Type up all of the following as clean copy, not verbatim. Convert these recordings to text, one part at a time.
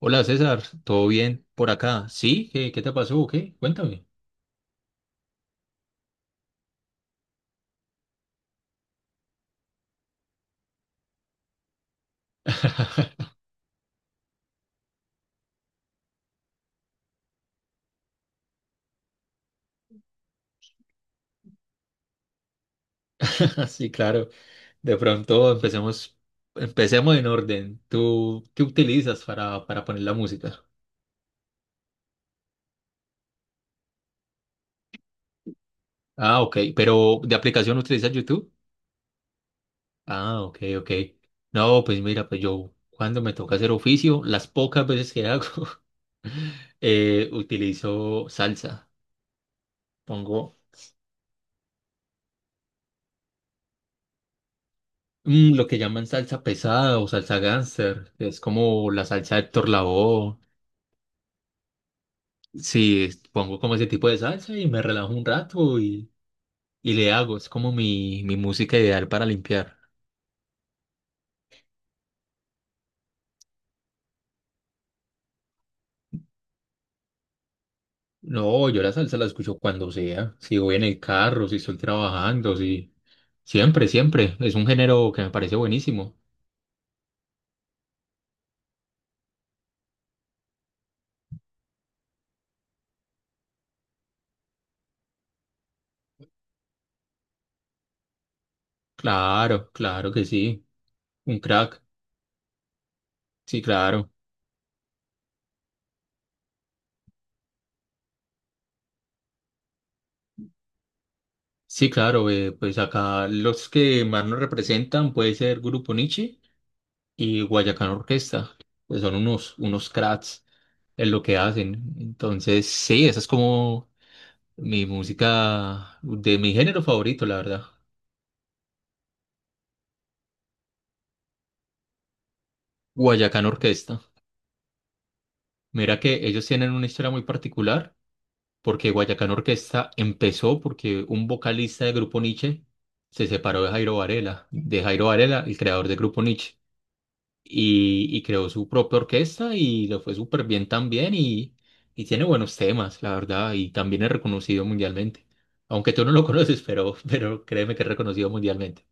Hola César, ¿todo bien por acá? ¿Sí? ¿Qué te pasó? ¿Qué? Cuéntame. Sí, claro. De pronto empecemos, empecemos en orden. ¿Tú qué utilizas para poner la música? Ah, ok. ¿Pero de aplicación utilizas YouTube? Ah, ok, ok. No, pues mira, pues yo cuando me toca hacer oficio, las pocas veces que hago, utilizo salsa. Pongo lo que llaman salsa pesada o salsa gánster, que es como la salsa de Héctor Lavoe. Sí, pongo como ese tipo de salsa y me relajo un rato y le hago. Es como mi música ideal para limpiar. No, yo la salsa la escucho cuando sea. Si voy en el carro, si estoy trabajando, si... Siempre, siempre. Es un género que me parece buenísimo. Claro, claro que sí. Un crack. Sí, claro. Sí, claro. Pues acá los que más nos representan puede ser Grupo Niche y Guayacán Orquesta. Pues son unos, unos cracks en lo que hacen. Entonces, sí, esa es como mi música, de mi género favorito, la verdad. Guayacán Orquesta. Mira que ellos tienen una historia muy particular, porque Guayacán Orquesta empezó porque un vocalista de Grupo Nietzsche se separó de Jairo Varela, el creador de Grupo Nietzsche. Y, y creó su propia orquesta y le fue súper bien también y tiene buenos temas, la verdad, y también es reconocido mundialmente. Aunque tú no lo conoces, pero créeme que es reconocido mundialmente.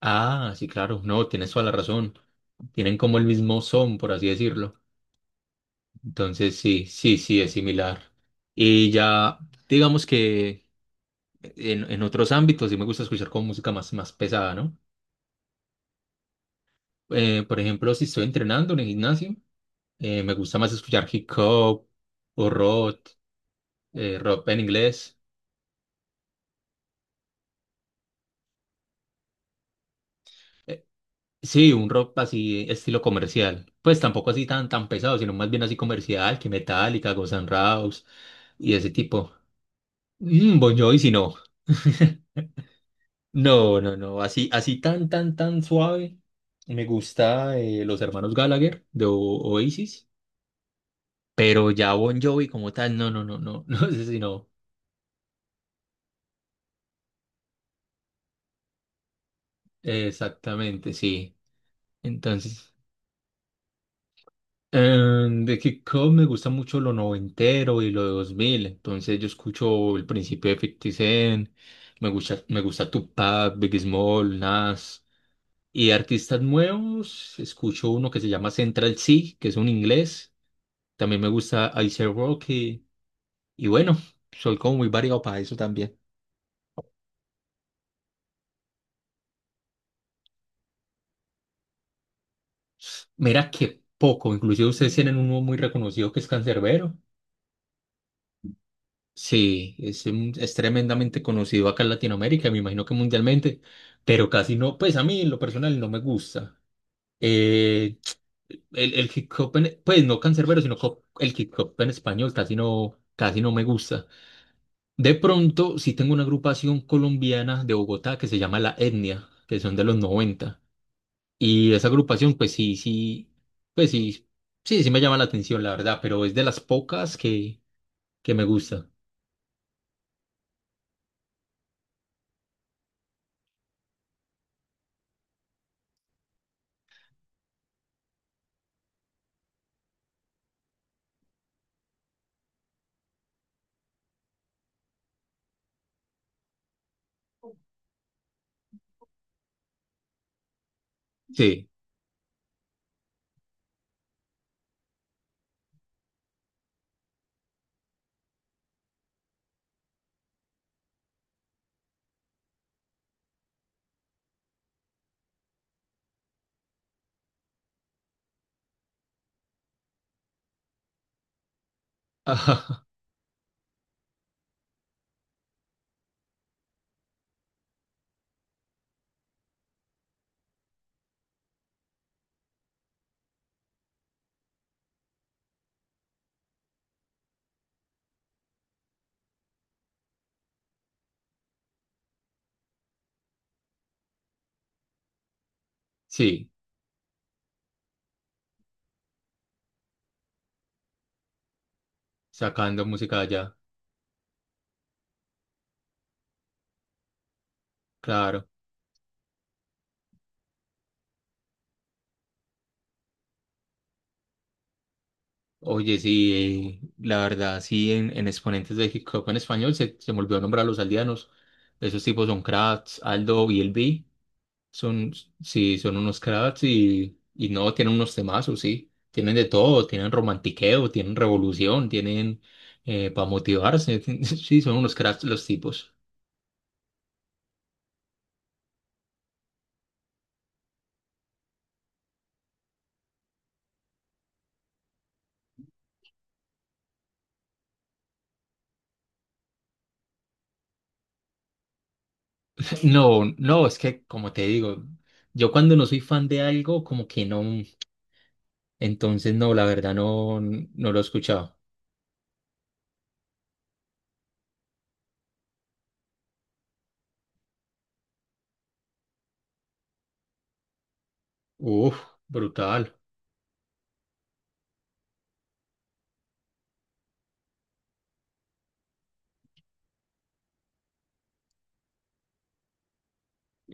Ah, sí, claro, no, tienes toda la razón. Tienen como el mismo son, por así decirlo. Entonces, sí, sí, sí, es similar. Y ya, digamos que en otros ámbitos sí me gusta escuchar como música más, más pesada, ¿no? Por ejemplo, si estoy entrenando en el gimnasio, me gusta más escuchar hip hop o rock, rock en inglés. Eh, sí, un rock así, estilo comercial. Pues tampoco así tan, tan pesado, sino más bien así comercial, que Metallica, Guns N' Roses y ese tipo. Bon Jovi, si no. No, no, no. Así, así tan, tan, tan suave. Me gusta los hermanos Gallagher de Oasis, pero ya Bon Jovi como tal, no, no, no, no, no sé si no. Exactamente, sí. Entonces. De hip hop me gusta mucho lo noventero y lo de 2000. Entonces yo escucho el principio de 50 Cent, me gusta Tupac, Big Small, Nas, y de artistas nuevos escucho uno que se llama Central C, que es un inglés, también me gusta Ice Rocky, y bueno, soy como muy variado para eso también. Mira que poco, inclusive ustedes tienen uno muy reconocido que es Cancerbero. Sí, es tremendamente conocido acá en Latinoamérica, me imagino que mundialmente, pero casi no, pues a mí en lo personal no me gusta. Eh, el hip hop, pues no cancerbero, el hip hop en español casi no me gusta. De pronto, sí tengo una agrupación colombiana de Bogotá que se llama La Etnia, que son de los 90. Y esa agrupación, pues sí, sí, sí me llama la atención, la verdad, pero es de las pocas que me gusta. Sí. Sí, sacando música de allá, claro. Oye, sí, la verdad, sí, en exponentes de hip hop en español se me olvidó nombrar a los aldeanos. Esos tipos son crats, Aldo y el B. Son, sí, son unos crats y no, tienen unos temazos, sí. Tienen de todo, tienen romantiqueo, tienen revolución, tienen para motivarse. Sí, son unos crats los tipos. No, no, es que como te digo, yo cuando no soy fan de algo, como que no. Entonces, no, la verdad no, no lo he escuchado. Uf, brutal.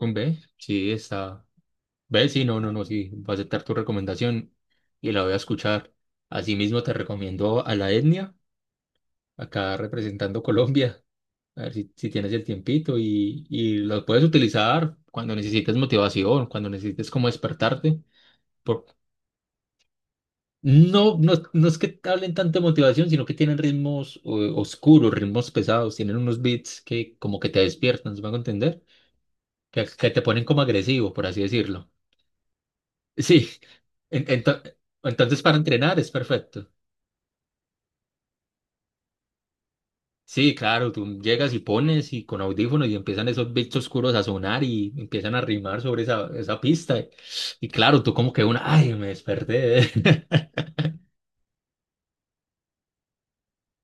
Un B, sí, está. B, sí, no, no, no, sí, voy a aceptar tu recomendación y la voy a escuchar. Asimismo, te recomiendo a La Etnia, acá representando Colombia, a ver si tienes el tiempito y lo puedes utilizar cuando necesites motivación, cuando necesites como despertarte, por- no, no, es no es que hablen tanto de motivación, sino que tienen ritmos oscuros, ritmos pesados, tienen unos beats que como que te despiertan, ¿se me a entender? Que te ponen como agresivo, por así decirlo. Sí, en- ento- entonces para entrenar es perfecto. Sí, claro, tú llegas y pones y con audífonos y empiezan esos beats oscuros a sonar y empiezan a rimar sobre esa, esa pista. Y, claro, tú como que una, ay, me desperté.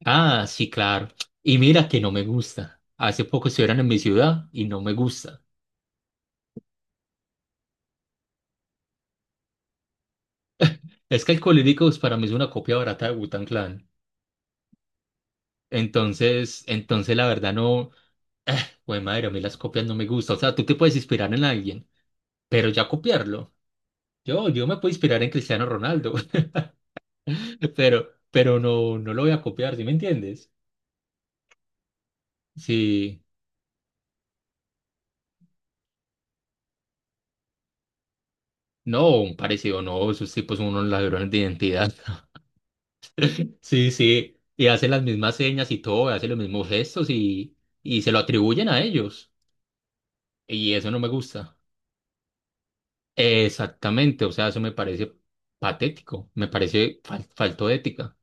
Ah, sí, claro. Y mira que no me gusta. Hace poco estuvieron en mi ciudad y no me gusta. Es que Alcohólicos para mí es una copia barata de Wu Clan. Entonces la verdad no, güey, madre, a mí las copias no me gustan. O sea, tú te puedes inspirar en alguien, pero ya copiarlo. Yo me puedo inspirar en Cristiano Ronaldo, pero no, no lo voy a copiar, ¿sí me entiendes? Sí, no, un parecido, no, esos tipos son unos ladrones de identidad. Sí, sí, y hace las mismas señas y todo, hace los mismos gestos y se lo atribuyen a ellos. Y eso no me gusta. Exactamente, o sea, eso me parece patético, me parece falto de ética.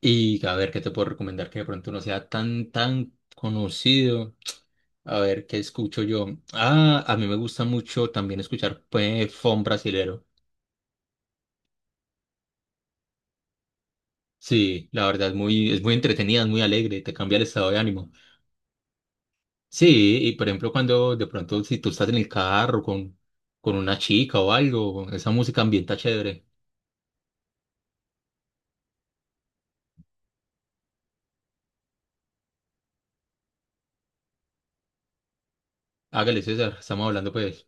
Y a ver, ¿qué te puedo recomendar que de pronto no sea tan, tan conocido? A ver, ¿qué escucho yo? Ah, a mí me gusta mucho también escuchar pues, funk brasilero. Sí, la verdad es muy entretenida, es muy alegre, te cambia el estado de ánimo. Sí, y por ejemplo, cuando de pronto, si tú estás en el carro con una chica o algo, esa música ambienta chévere. Hágale, César, estamos hablando pues.